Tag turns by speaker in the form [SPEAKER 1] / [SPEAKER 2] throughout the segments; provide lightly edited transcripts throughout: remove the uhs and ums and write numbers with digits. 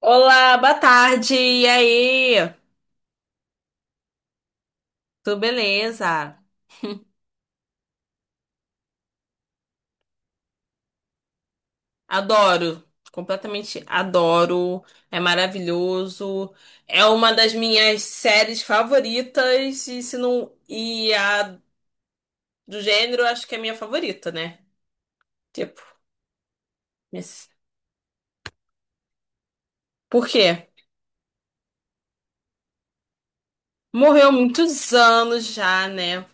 [SPEAKER 1] Olá, boa tarde. E aí? Tudo beleza? Adoro. Completamente adoro. É maravilhoso. É uma das minhas séries favoritas e se não e a do gênero, acho que é a minha favorita, né? Tipo, esse- por quê? Morreu muitos anos já, né?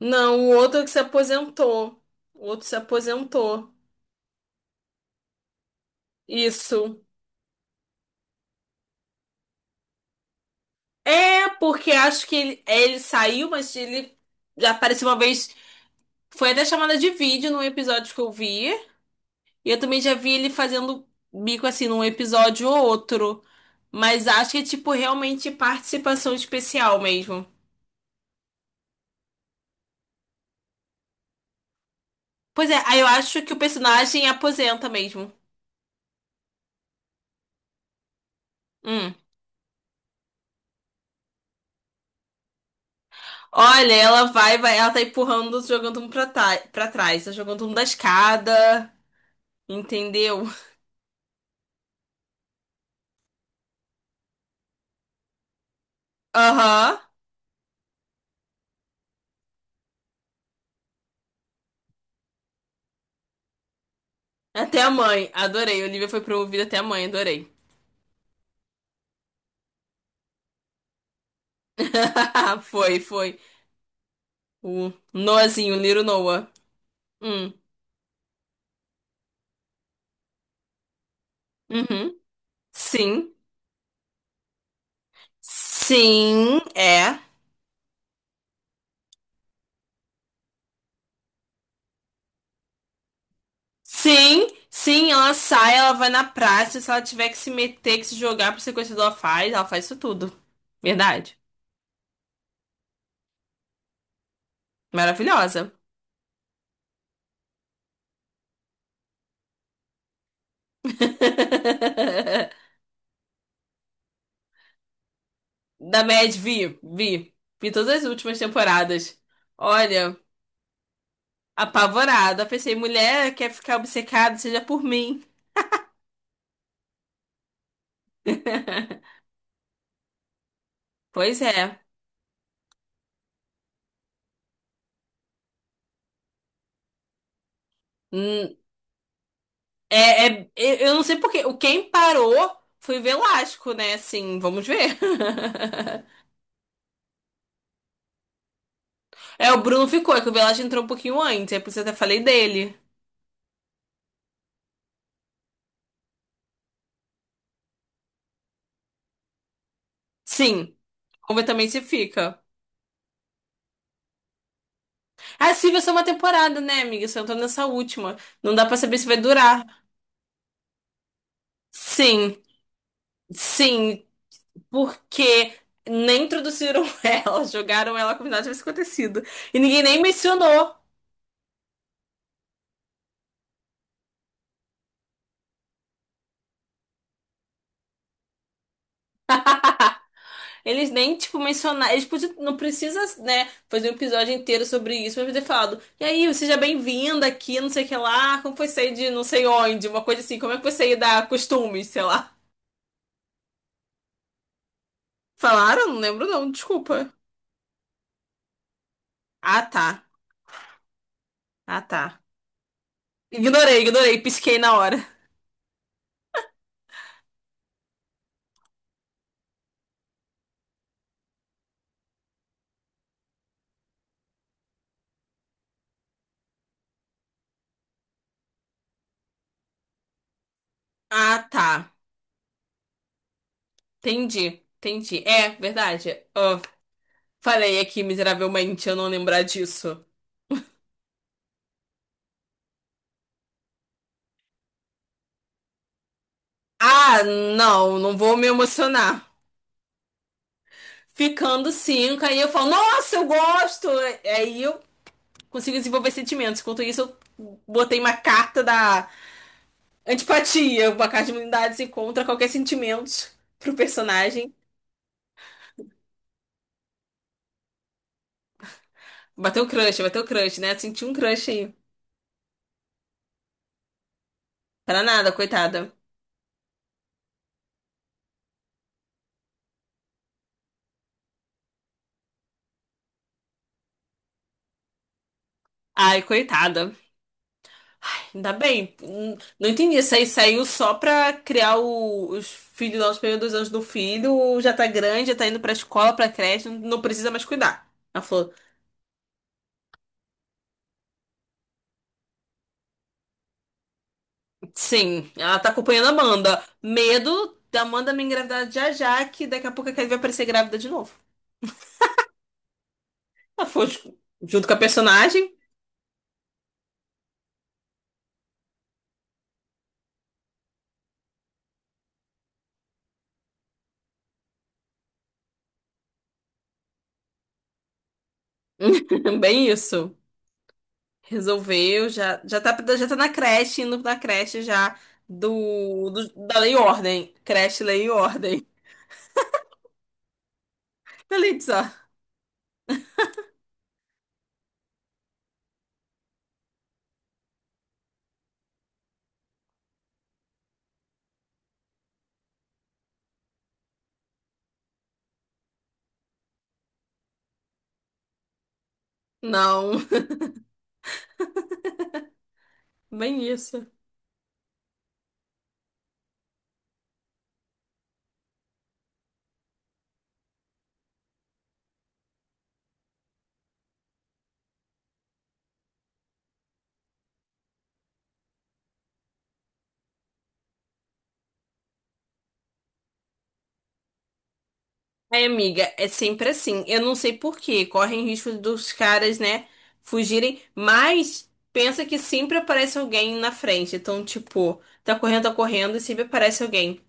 [SPEAKER 1] Não, o outro que se aposentou. O outro se aposentou. Isso. É, porque acho que ele saiu, mas ele já apareceu uma vez. Foi até chamada de vídeo num episódio que eu vi. E eu também já vi ele fazendo bico assim num episódio ou outro. Mas acho que é tipo realmente participação especial mesmo. Pois é, aí eu acho que o personagem aposenta mesmo. Hum. Olha, ela vai, ela tá empurrando, jogando um pra, pra trás, tá jogando um da escada, entendeu? Aham. Até a mãe, adorei. Olivia foi pro ouvido até a mãe, adorei. Foi, foi. O Noahzinho, o Little Noah. Hum. Uhum. Sim. Sim, é. Sim, sim, ela sai, ela vai na praça. Se ela tiver que se meter, que se jogar pro sequestrador, ela faz isso tudo. Verdade. Maravilhosa. Da Mad, vi, vi. Vi todas as últimas temporadas. Olha, apavorada. Pensei, mulher quer ficar obcecada, seja por mim. Pois é. Hum, É, é- eu não sei por quê. O quem parou foi o Velasco, né? Assim, vamos ver. É, o Bruno ficou, é que o Velasco entrou um pouquinho antes, é por isso que eu até falei dele. Sim, vamos ver também se fica. Ah, Silvia é só uma temporada, né, amiga? Só entrou nessa última. Não dá pra saber se vai durar. Sim, sim, porque nem introduziram ela, jogaram ela como se nada tivesse acontecido. E ninguém nem mencionou. Eles nem, tipo, mencionaram. Eles podiam, não precisa, né, fazer um episódio inteiro sobre isso, mas podia ter falado. E aí, seja bem-vinda aqui, não sei o que lá. Como foi sair de não sei onde? Uma coisa assim, como é que foi sair da costumes, sei lá. Falaram? Não lembro não, desculpa. Ah, tá. Ah, tá. Ignorei, ignorei, pisquei na hora. Ah, tá. Entendi, entendi. É, verdade. Ah, falei aqui miseravelmente eu não lembrar disso. Ah, não, não vou me emocionar. Ficando cinco, aí eu falo, nossa, eu gosto! Aí eu consigo desenvolver sentimentos. Enquanto isso, eu botei uma carta da antipatia, uma carta de imunidade contra qualquer sentimento pro personagem. Bateu o crush, né? Senti um crush aí. Para nada, coitada. Ai, coitada. Ainda bem. Não entendi. Isso aí saiu só pra criar os filhos lá, os primeiros dois anos do filho. Já tá grande, já tá indo pra escola, pra creche, não precisa mais cuidar. Ela falou, sim, ela tá acompanhando a Amanda. Medo da Amanda me engravidar já já, que daqui a pouco a Kelly vai aparecer grávida de novo. Ela foi junto com a personagem, bem isso. Resolveu, já, já tá na creche, indo na creche já do, da Lei e Ordem. Creche, Lei e Ordem. Elitza. Não, bem isso. Ai, amiga, é sempre assim. Eu não sei por quê. Correm risco dos caras, né, fugirem, mas pensa que sempre aparece alguém na frente. Então, tipo, tá correndo e sempre aparece alguém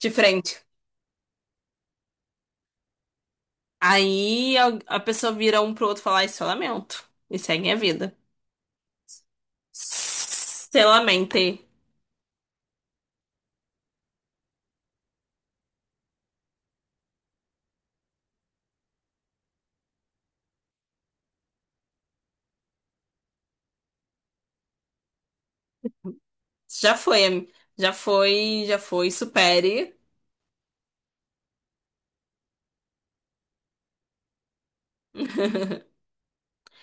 [SPEAKER 1] de frente. Aí a pessoa vira um pro outro e fala, isso eu lamento. E segue a vida. Se lamente. Já foi, já foi, já foi, supere.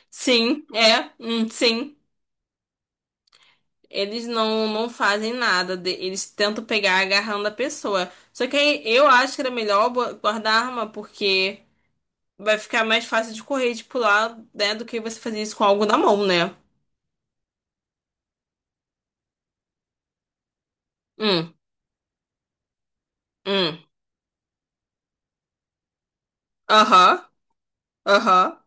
[SPEAKER 1] Sim, é, sim. Eles não fazem nada, eles tentam pegar agarrando a pessoa. Só que aí eu acho que era melhor guardar a arma, porque vai ficar mais fácil de correr e de pular, né, do que você fazer isso com algo na mão, né? Hum, hum, aham, aham.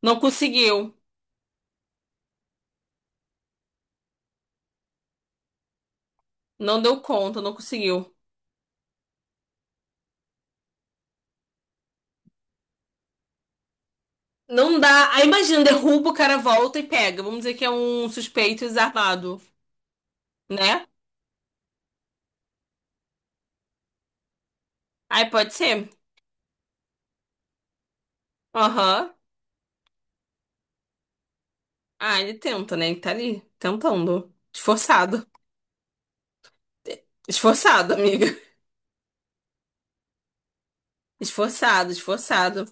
[SPEAKER 1] Não conseguiu, não deu conta, não conseguiu. Não dá. Aí imagina, derruba, o cara volta e pega. Vamos dizer que é um suspeito desarmado, né? Aí pode ser. Aham. Ah, ele tenta, né? Ele tá ali, tentando. Esforçado. Esforçado, amiga. Esforçado, esforçado.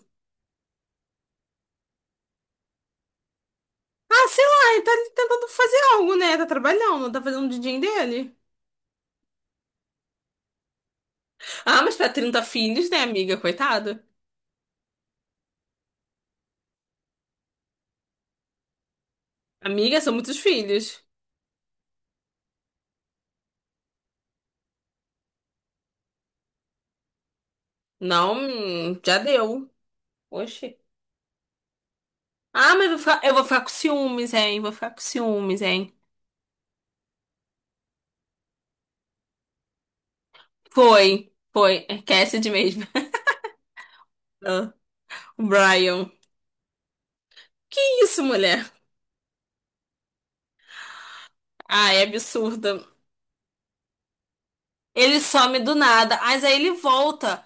[SPEAKER 1] Ah, sei lá, ele tá ali tentando fazer algo, né? Tá trabalhando, tá fazendo o din dele. Ah, mas pra 30 filhos, né, amiga? Coitado. Amiga, são muitos filhos. Não, já deu. Oxi. Ah, mas eu vou ficar com ciúmes, hein? Vou ficar com ciúmes, hein? Foi, foi. É Cassidy mesmo. O Brian. Que isso, mulher? Ah, é absurdo. Ele some do nada, mas aí ele volta.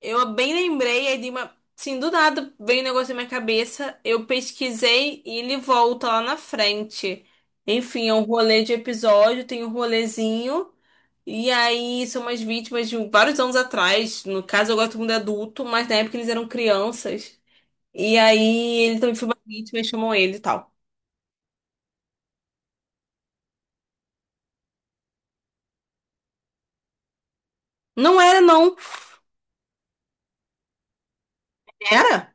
[SPEAKER 1] Eu bem lembrei, aí de uma. Sim, do nada veio um negócio na minha cabeça. Eu pesquisei e ele volta lá na frente. Enfim, é um rolê de episódio, tem um rolezinho. E aí são umas vítimas de um, vários anos atrás. No caso, agora todo mundo é adulto, mas na época eles eram crianças. E aí ele também foi uma vítima e chamam ele e tal. Não era, não. Era?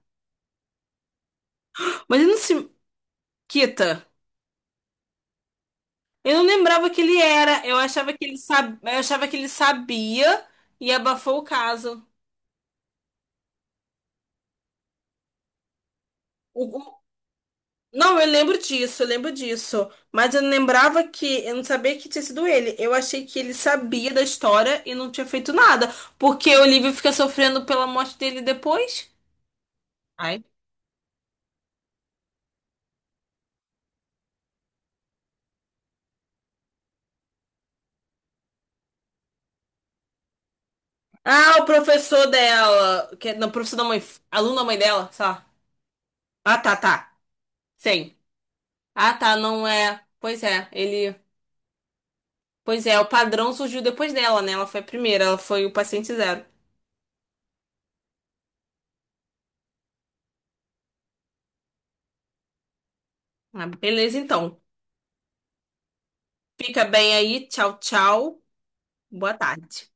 [SPEAKER 1] Mas ele não se quita. Eu não lembrava que ele era. Eu achava que ele sab... eu achava que ele sabia e abafou o caso. O- o- Não, eu lembro disso, eu lembro disso. Mas eu não lembrava que. Eu não sabia que tinha sido ele. Eu achei que ele sabia da história e não tinha feito nada. Porque o Olivia fica sofrendo pela morte dele depois. Ai, ah, o professor dela. Não, professor da mãe. Aluno da mãe dela, sei lá. Ah, tá, tá. Sim. Ah, tá, não é. Pois é, ele. Pois é, o padrão surgiu depois dela, né? Ela foi a primeira, ela foi o paciente zero. Ah, beleza, então. Fica bem aí. Tchau, tchau. Boa tarde.